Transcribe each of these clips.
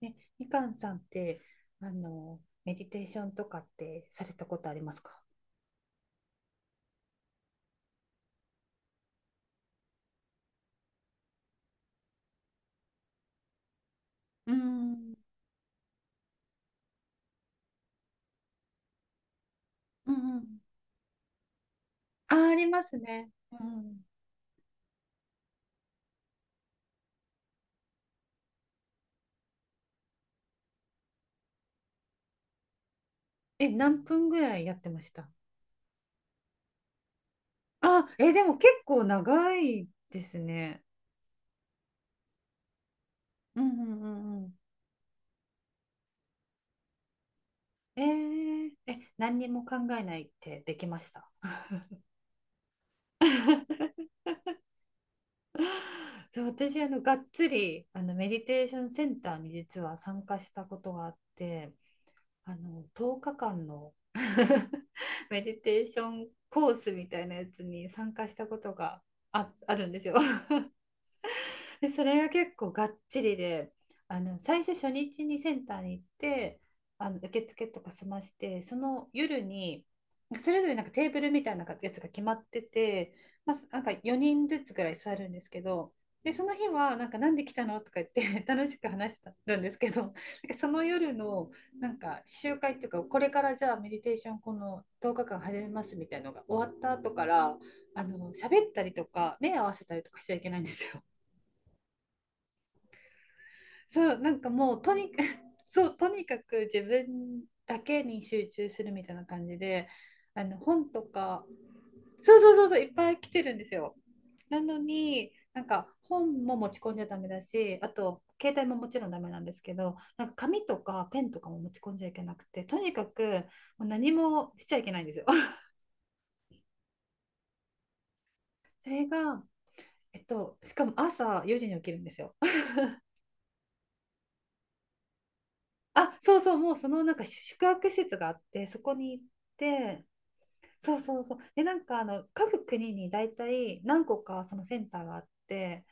ね、みかんさんって、あの、メディテーションとかってされたことありますか？うん、うんうん。あ、ありますね。うん。え、何分ぐらいやってました？あ、え、でも結構長いですね。うんうんうんうん。えー、え、何にも考えないってできました？ そう、私がっつりメディテーションセンターに実は参加したことがあって、あの10日間の メディテーションコースみたいなやつに参加したことがあるんですよ。で、それが結構がっちりで、あの、最初初日にセンターに行って、あの、受付とか済まして、その夜に、それぞれなんかテーブルみたいなやつが決まってて、まあ、なんか4人ずつぐらい座るんですけど、で、その日は、なんか、なんで来たのとか言って 楽しく話してるんですけど、なんかその夜の、なんか、集会っていうか、これからじゃあ、メディテーション、この10日間始めますみたいなのが終わった後から、あの、喋ったりとか、目合わせたりとかしちゃいけないんですよ。そう、なんかもうとにかく そう、とにかく自分だけに集中するみたいな感じで、あの、本とか、そうそうそうそう、いっぱい来てるんですよ。なのに、なんか本も持ち込んじゃダメだし、あと携帯ももちろんダメなんですけど、なんか紙とかペンとかも持ち込んじゃいけなくて、とにかくもう何もしちゃいけないんですよ。それが、えっと、しかも朝4時に起きるんですよ。あ、そうそう、もうそのなんか宿泊施設があって、そこに行って、そうそうそう。で、なんかあの各国に大体何個かそのセンターがあって、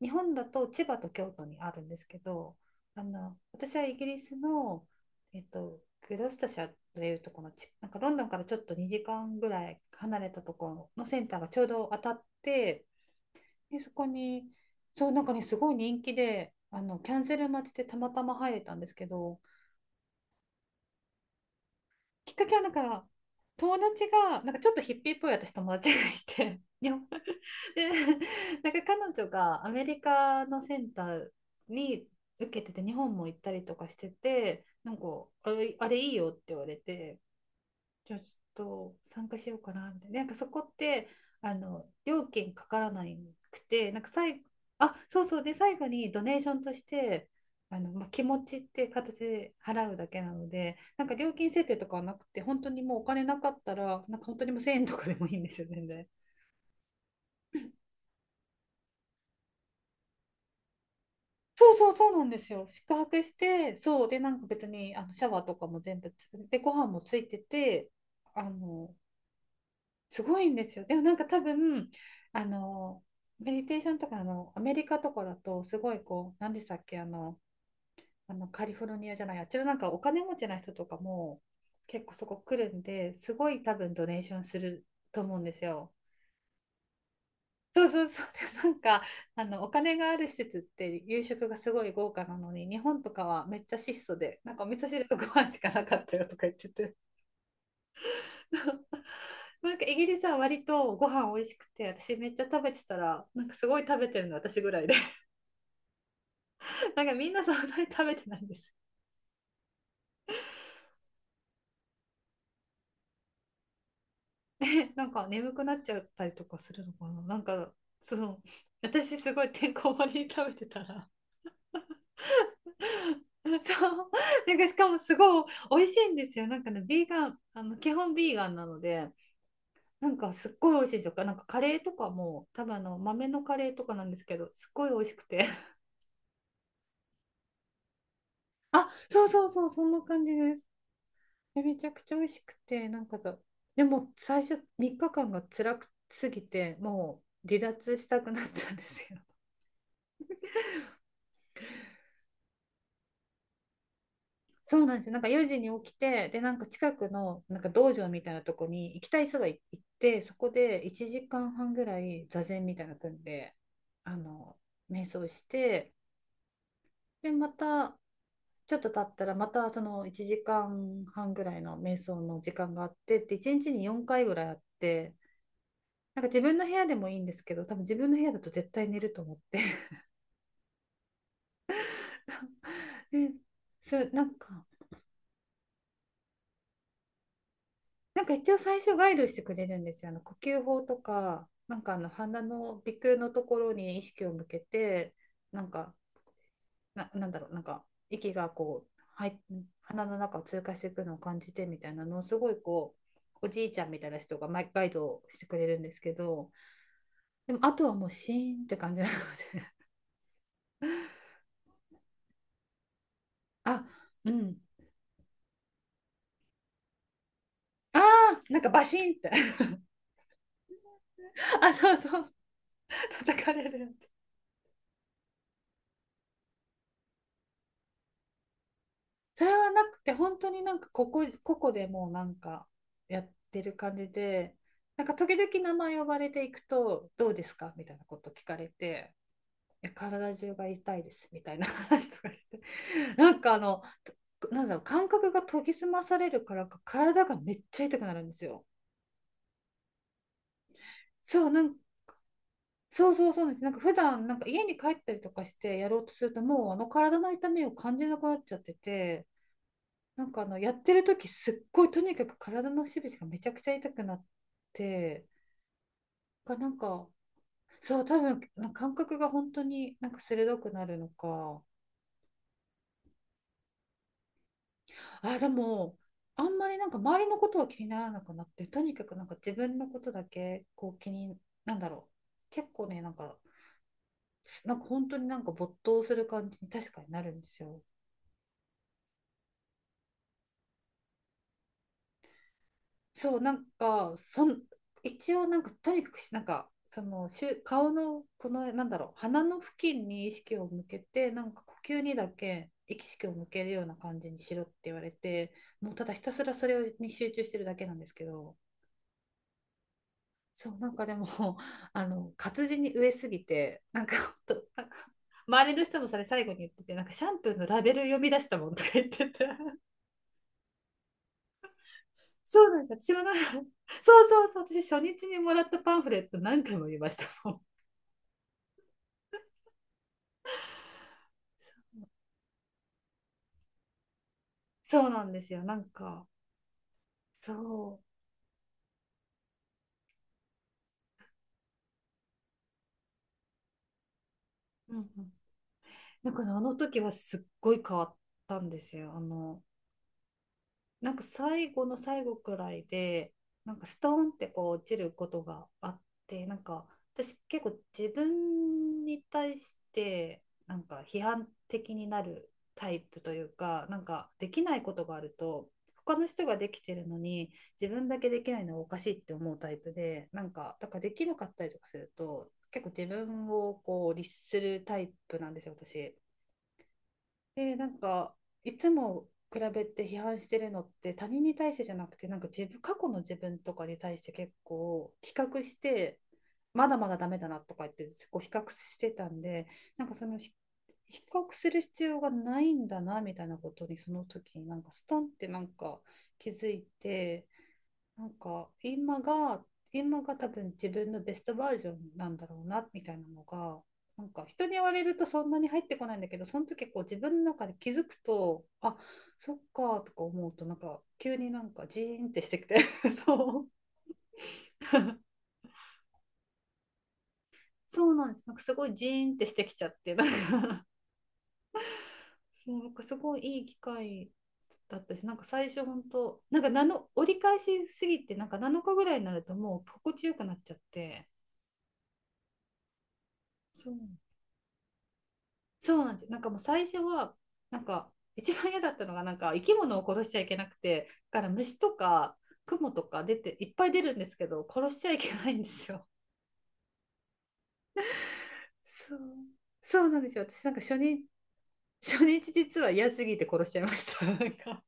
日本だと千葉と京都にあるんですけど、あの、私はイギリスの、えっと、グロスタシャーというところのち、なんかロンドンからちょっと2時間ぐらい離れたところのセンターがちょうど当たって、で、そこに、そう、なんかね、すごい人気で、あのキャンセル待ちでたまたま入れたんですけど、きっかけはなんか、友達が、なんかちょっとヒッピーっぽい私友達がいて、日本 で、なんか彼女がアメリカのセンターに受けてて、日本も行ったりとかしてて、なんか、あれいいよって言われて、じゃあちょっと参加しようかなみたいな。なんかそこって、あの、料金かからなくて、なんか最後、あ、そうそう、で、最後にドネーションとして、あの、まあ、気持ちって形で払うだけなので、なんか料金設定とかはなくて、本当にもうお金なかったら、なんか本当にもう1000円とかでもいいんですよ、全然。そうそうそうなんですよ。宿泊して、そう、で、なんか別にあのシャワーとかも全部つ、で、ご飯もついてて、あの、すごいんですよ。でもなんか多分、あの、メディテーションとか、あの、アメリカとかだと、すごいこう、何でしたっけ、あの、あのカリフォルニアじゃない、あっちのなんかお金持ちな人とかも結構そこ来るんで、すごい多分ドネーションすると思うんですよ。そうそうそう。で、なんか、あの、お金がある施設って夕食がすごい豪華なのに、日本とかはめっちゃ質素で、なんかお味噌汁とご飯しかなかったよとか言ってて。なんかイギリスは割とご飯美味しくて、私めっちゃ食べてたら、なんかすごい食べてるの私ぐらいで、なんかみんなそんなに食べてないんです。え、なんか眠くなっちゃったりとかするのかな、なんか、そう、私すごいてんこ盛りに食べてたら そう。なんかしかもすごい美味しいんですよ。なんかね、ビーガン、あの、基本ビーガンなので、なんかすっごい美味しいですよ。なんかカレーとかも、多分あの、豆のカレーとかなんですけど、すっごい美味しくて。そうそうそう、そんな感じです。でめちゃくちゃ美味しくて、なんかだ、でも最初3日間が辛くすぎて、もう離脱したくなったんですよ。そうなんですよ。なんか4時に起きて、で、なんか近くのなんか道場みたいなとこに行きたい人が行って、そこで1時間半ぐらい座禅みたいなの組んで、あの、瞑想して、で、またちょっと経ったら、またその1時間半ぐらいの瞑想の時間があって、で、1日に4回ぐらいあって、なんか自分の部屋でもいいんですけど、多分自分の部屋だと絶対寝ると思って。で、そう、なんか一応最初ガイドしてくれるんですよ。あの呼吸法とか、なんかあの鼻の鼻腔のところに意識を向けて、なんか、なんだろう、なんか息がこう、はい、鼻の中を通過していくのを感じてみたいなのをすごいこう、おじいちゃんみたいな人がマイガイドをしてくれるんですけど、でもあとはもうシーンって感じなので。 あ、うん。ああ、なんかバシーンって。 あ、そうそう。叩かれるやつ。それはなくて、本当になんかここでもうなんかやってる感じで、なんか時々名前呼ばれていくと、どうですかみたいなこと聞かれて、いや体中が痛いですみたいな話とかして、なんかあの、なんだろう、感覚が研ぎ澄まされるからか、体がめっちゃ痛くなるんですよ。そう、なんそうそうそうなんです。なんか普段なんか家に帰ったりとかしてやろうとすると、もうあの体の痛みを感じなくなっちゃってて、なんかあのやってる時すっごいとにかく体の節々がめちゃくちゃ痛くなってなんか、そう、多分なんか感覚が本当になんか鋭くなるのか、あ、でもあんまりなんか周りのことは気にならなくなって、とにかくなんか自分のことだけこう気に、なんだろう、結構ね、なんか、なんか本当になんか没頭する感じに確かになるんですよ。そう、なんか、一応、なんか、とにかくし、なんか、顔の、この、なんだろう、鼻の付近に意識を向けて、なんか、呼吸にだけ意識を向けるような感じにしろって言われて、もう、ただひたすらそれに集中してるだけなんですけど、そう、なんかでも、あの、活字に飢えすぎて、なんか、ほんと、なんか周りの人もそれ最後に言ってて、なんか、シャンプーのラベル読み出したもんとか言ってて、そうなんですよ。私もなんか そうそうそう、私初日にもらったパンフレット何回も見ましたもん。そうなんですよ。なんか、そう。うんうん。あの時はすっごい変わったんですよ。なんか最後の最後くらいで、なんかストーンってこう落ちることがあって、なんか私結構自分に対してなんか批判的になるタイプというか、なんかできないことがあると、他の人ができてるのに自分だけできないのはおかしいって思うタイプで、なんかだからできなかったりとかすると、結構自分をこう律するタイプなんですよ、私。で、なんか、いつも比べて批判してるのって他人に対してじゃなくて、なんか自分、過去の自分とかに対して結構比較して、まだまだダメだなとか言って、こう比較してたんで、なんかそのひ比較する必要がないんだなみたいなことに、その時になんかストンってなんか気づいて、なんか今が多分自分のベストバージョンなんだろうなみたいなのがなんか人に言われるとそんなに入ってこないんだけど、その時こう自分の中で気づくと、あ、そっかとか思うと、なんか急になんかジーンってしてきて、 そうそうなんです。なんかすごいジーンってしてきちゃってなんか、 もうなんかすごいいい機会だったし、なんか最初本当なんかなの折り返しすぎてなんか7日ぐらいになるともう心地よくなっちゃって、そうそうなんですよ。なんかもう最初は、なんか一番嫌だったのが、なんか生き物を殺しちゃいけなくて、だから虫とかクモとか出て、いっぱい出るんですけど、殺しちゃいけないんですよ。そう、そうなんですよ。私なんか初日、初日実は嫌すぎて殺しちゃいました。なんか、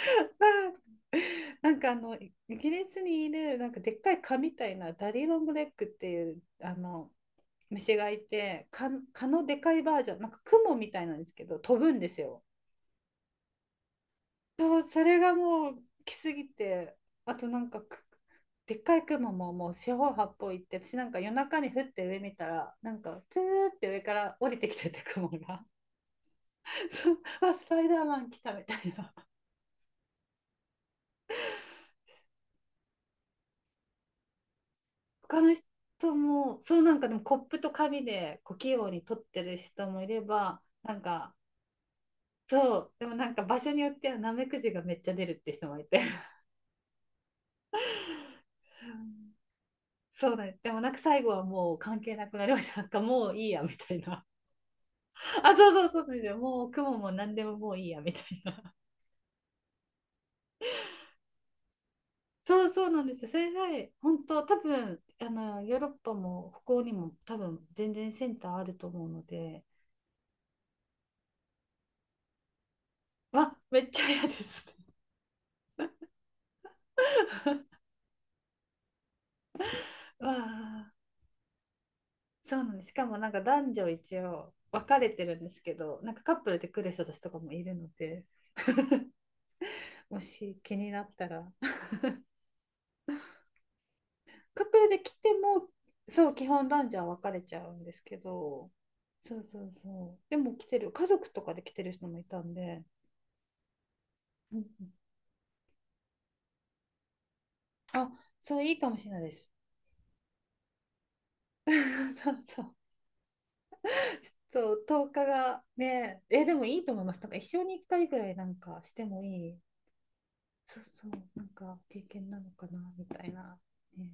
イギリスにいる、なんかでっかい蚊みたいな、ダディロングレッグっていう、あの、虫がいて、蚊、蚊のでかいバージョン、なんかクモみたいなんですけど、飛ぶんですよ。そう、それがもう来すぎて、あとなんかく、でっかい雲ももう四方八方行って、私なんか夜中に降って上見たら、なんかツーって上から降りてきてて雲が、そう、あ、スパイダーマン来たみたいな。他の人も、そうなんかでもコップと紙でこう器用に取ってる人もいれば、なんか、そう、でもなんか場所によってはナメクジがめっちゃ出るって人もいて、そうなんで、でもなんか最後はもう関係なくなりました。なんかもういいやみたいな。あ、そうそうそうですよ。もう雲も何でももういいやみたいな。そうそうなんですよ。それさえ、本当、多分あのヨーロッパも北欧にも多分全然センターあると思うので、わ、めっちゃ嫌ですね。わあ、そうなんです。しかもなんか男女一応分かれてるんですけど、なんかカップルで来る人たちとかもいるので、もし気になったら、カップルで来ても、そう、基本男女は分かれちゃうんですけど、そうそうそう。でも来てる、家族とかで来てる人もいたんで、うんうん、あ、そう、いいかもしれないです。そうそう。ちょっと、10日がね、え、でもいいと思います。なんか、一生に1回ぐらいなんかしてもいい、そうそう、なんか、経験なのかな、みたいな、ね、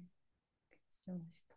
気がしました。